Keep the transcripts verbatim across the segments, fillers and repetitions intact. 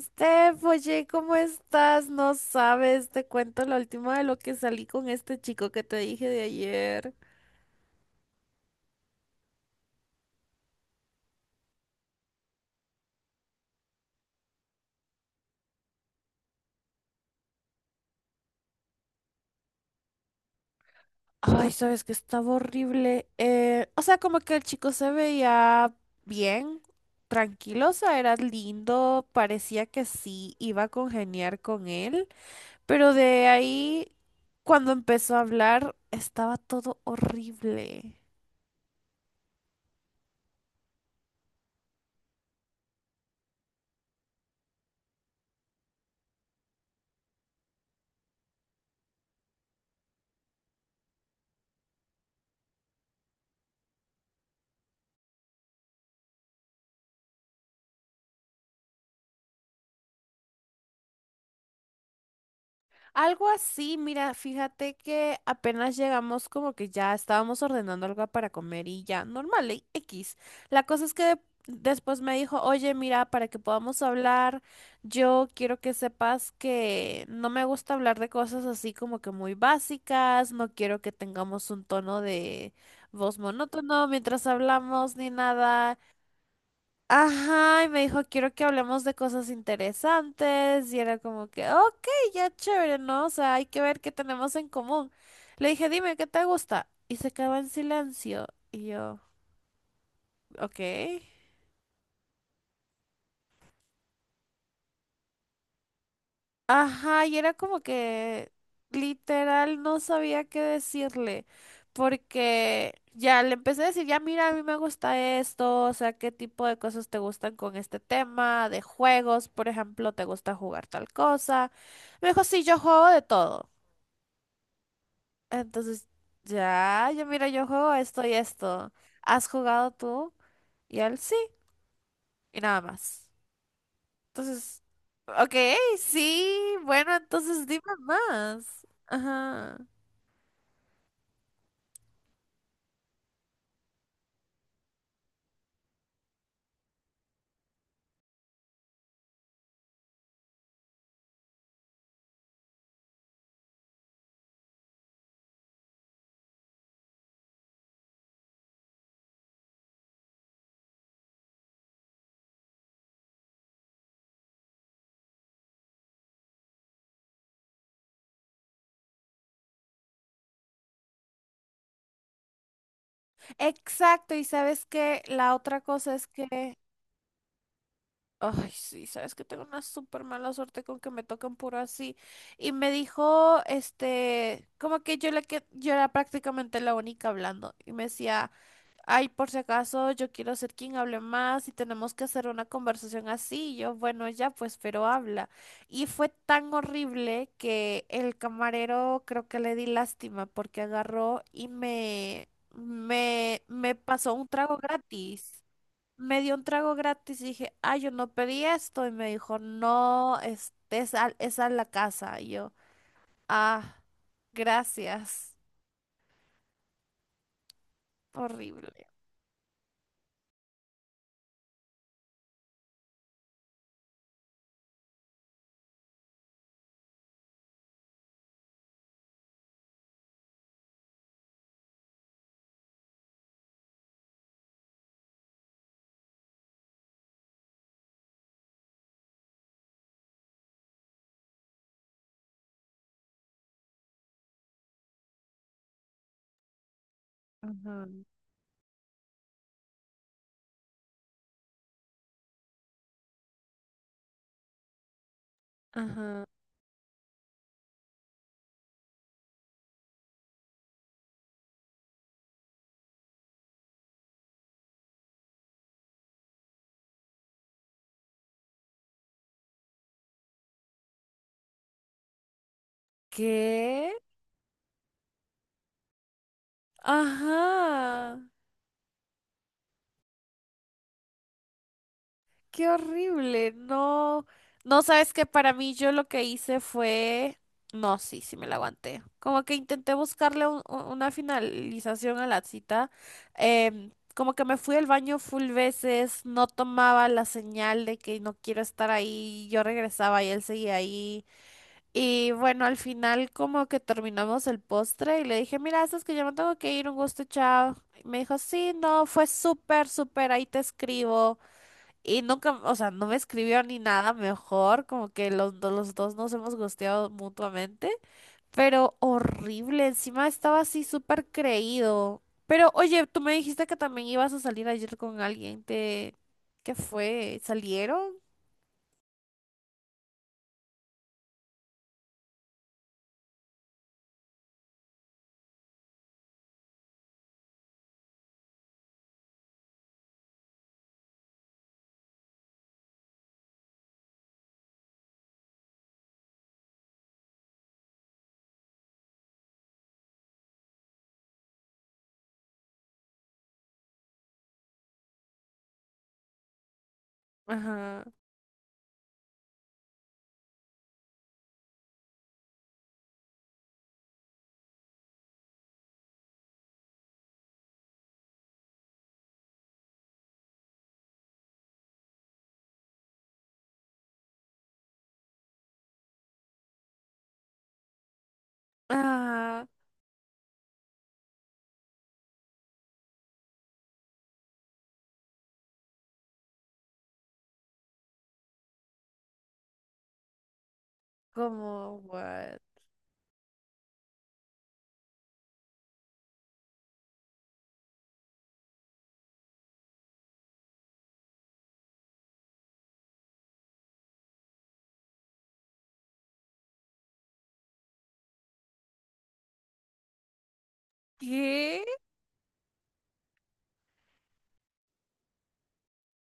Steph, oye, ¿cómo estás? No sabes, te cuento la última de lo que salí con este chico que te dije de ayer. Ay, sabes que estaba horrible. Eh, o sea, como que el chico se veía bien, tranquilo, o sea, era lindo, parecía que sí iba a congeniar con él, pero de ahí, cuando empezó a hablar, estaba todo horrible. Algo así, mira, fíjate que apenas llegamos como que ya estábamos ordenando algo para comer y ya, normal, e- X. La cosa es que de- después me dijo, oye, mira, para que podamos hablar, yo quiero que sepas que no me gusta hablar de cosas así como que muy básicas, no quiero que tengamos un tono de voz monótono mientras hablamos ni nada. Ajá, y me dijo, quiero que hablemos de cosas interesantes. Y era como que, ok, ya chévere, ¿no? O sea, hay que ver qué tenemos en común. Le dije, dime, ¿qué te gusta? Y se quedó en silencio. Y yo, ok. Ajá, y era como que literal no sabía qué decirle, porque ya le empecé a decir, ya mira, a mí me gusta esto, o sea, qué tipo de cosas te gustan con este tema, de juegos, por ejemplo, te gusta jugar tal cosa. Me dijo, sí, yo juego de todo. Entonces, ya, ya mira, yo juego esto y esto. ¿Has jugado tú? Y él, sí, y nada más. Entonces, ok, sí, bueno, entonces dime más. Ajá. Exacto, y sabes que la otra cosa es que, ay, sí, sabes que tengo una súper mala suerte con que me tocan puro así. Y me dijo, este, como que yo, la que yo era prácticamente la única hablando. Y me decía, ay, por si acaso, yo quiero ser quien hable más y tenemos que hacer una conversación así. Y yo, bueno, ya pues, pero habla. Y fue tan horrible que el camarero creo que le di lástima porque agarró y me, me, me pasó un trago gratis. Me dio un trago gratis y dije, ay, yo no pedí esto. Y me dijo, no, es, es, a, es a la casa. Y yo, ah, gracias. Horrible. Ajá. Ajá. ¿Qué? Ajá, qué horrible. No, no sabes que para mí yo lo que hice fue, no, sí, sí me la aguanté. Como que intenté buscarle un- un- una finalización a la cita. Em, como que me fui al baño full veces, no tomaba la señal de que no quiero estar ahí. Yo regresaba y él seguía ahí. Y bueno, al final como que terminamos el postre y le dije, mira, sabes que yo me tengo que ir, un gusto, chao. Y me dijo, sí, no, fue súper, súper, ahí te escribo. Y nunca, o sea, no me escribió ni nada mejor, como que los, do- los dos nos hemos gusteado mutuamente, pero horrible, encima estaba así súper creído. Pero oye, tú me dijiste que también ibas a salir ayer con alguien, ¿te... ¿Qué fue? ¿Salieron? Ajá. Ah, como, what? ¿Qué?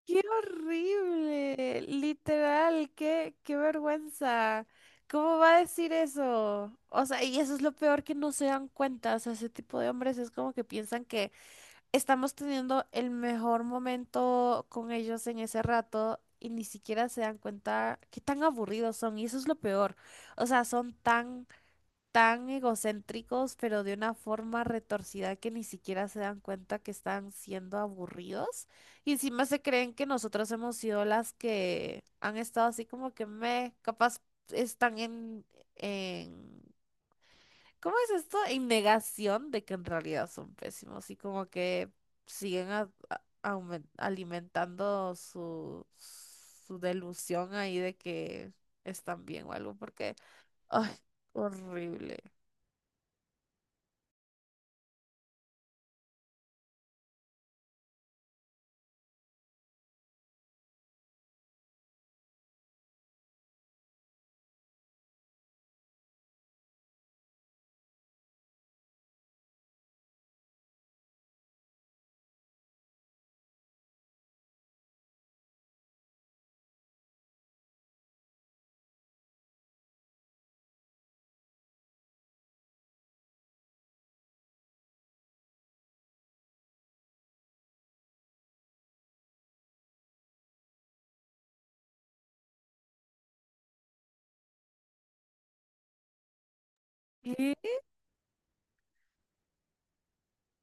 ¡Qué horrible! Literal, qué, qué vergüenza. ¿Cómo va a decir eso? O sea, y eso es lo peor que no se dan cuenta. O sea, ese tipo de hombres es como que piensan que estamos teniendo el mejor momento con ellos en ese rato y ni siquiera se dan cuenta qué tan aburridos son. Y eso es lo peor. O sea, son tan tan egocéntricos, pero de una forma retorcida que ni siquiera se dan cuenta que están siendo aburridos. Y encima se creen que nosotros hemos sido las que han estado así como que me, capaz están en, en, ¿cómo es esto? En negación de que en realidad son pésimos y como que siguen a- a- aumen- alimentando su, su delusión ahí de que están bien o algo, porque, ay, horrible.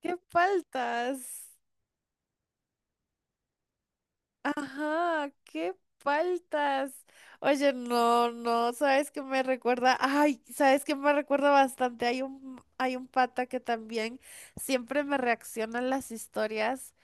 ¿Qué faltas? Ajá, ¿qué faltas? Oye, no, no, ¿sabes qué me recuerda? Ay, ¿sabes qué me recuerda bastante? Hay un, hay un pata que también siempre me reacciona en las historias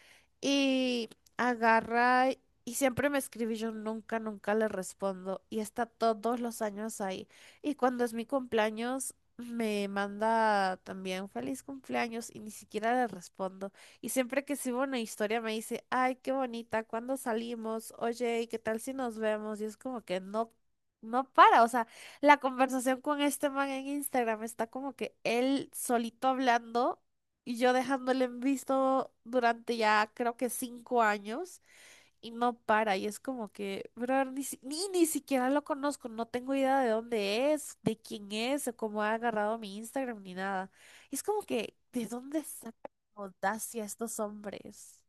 y agarra y siempre me escribe y yo nunca, nunca le respondo y está todos los años ahí. Y cuando es mi cumpleaños, me manda también feliz cumpleaños y ni siquiera le respondo. Y siempre que subo una historia me dice, ay, qué bonita, ¿cuándo salimos? Oye, ¿y qué tal si nos vemos? Y es como que no, no para. O sea, la conversación con este man en Instagram está como que él solito hablando y yo dejándole en visto durante ya creo que cinco años y no para. Y es como que, brother, ni, si- ni, ni siquiera lo conozco, no tengo idea de dónde es, de quién es, o cómo ha agarrado mi Instagram, ni nada. Y es como que, ¿de dónde sacan la audacia estos hombres?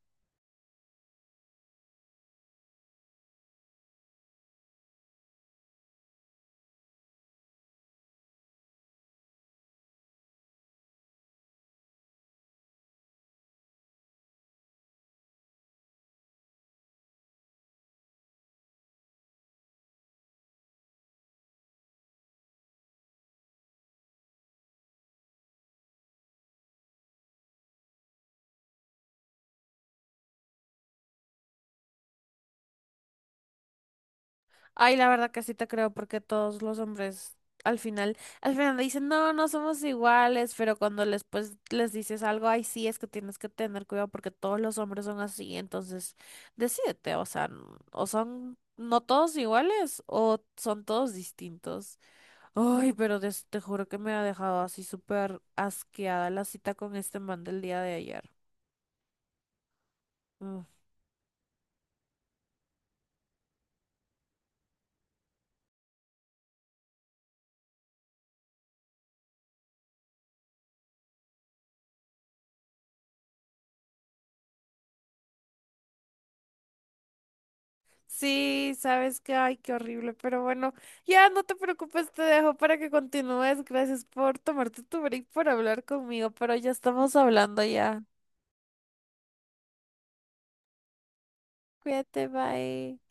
Ay, la verdad que sí te creo porque todos los hombres al final, al final dicen, no, no somos iguales, pero cuando les, pues, les dices algo, ay, sí, es que tienes que tener cuidado porque todos los hombres son así, entonces decídete, o sea, n- o son no todos iguales o son todos distintos. Ay, pero des- te juro que me ha dejado así súper asqueada la cita con este man del día de ayer. Sí, sabes que, ay, qué horrible, pero bueno, ya no te preocupes, te dejo para que continúes. Gracias por tomarte tu break, por hablar conmigo, pero ya estamos hablando ya. Cuídate, bye.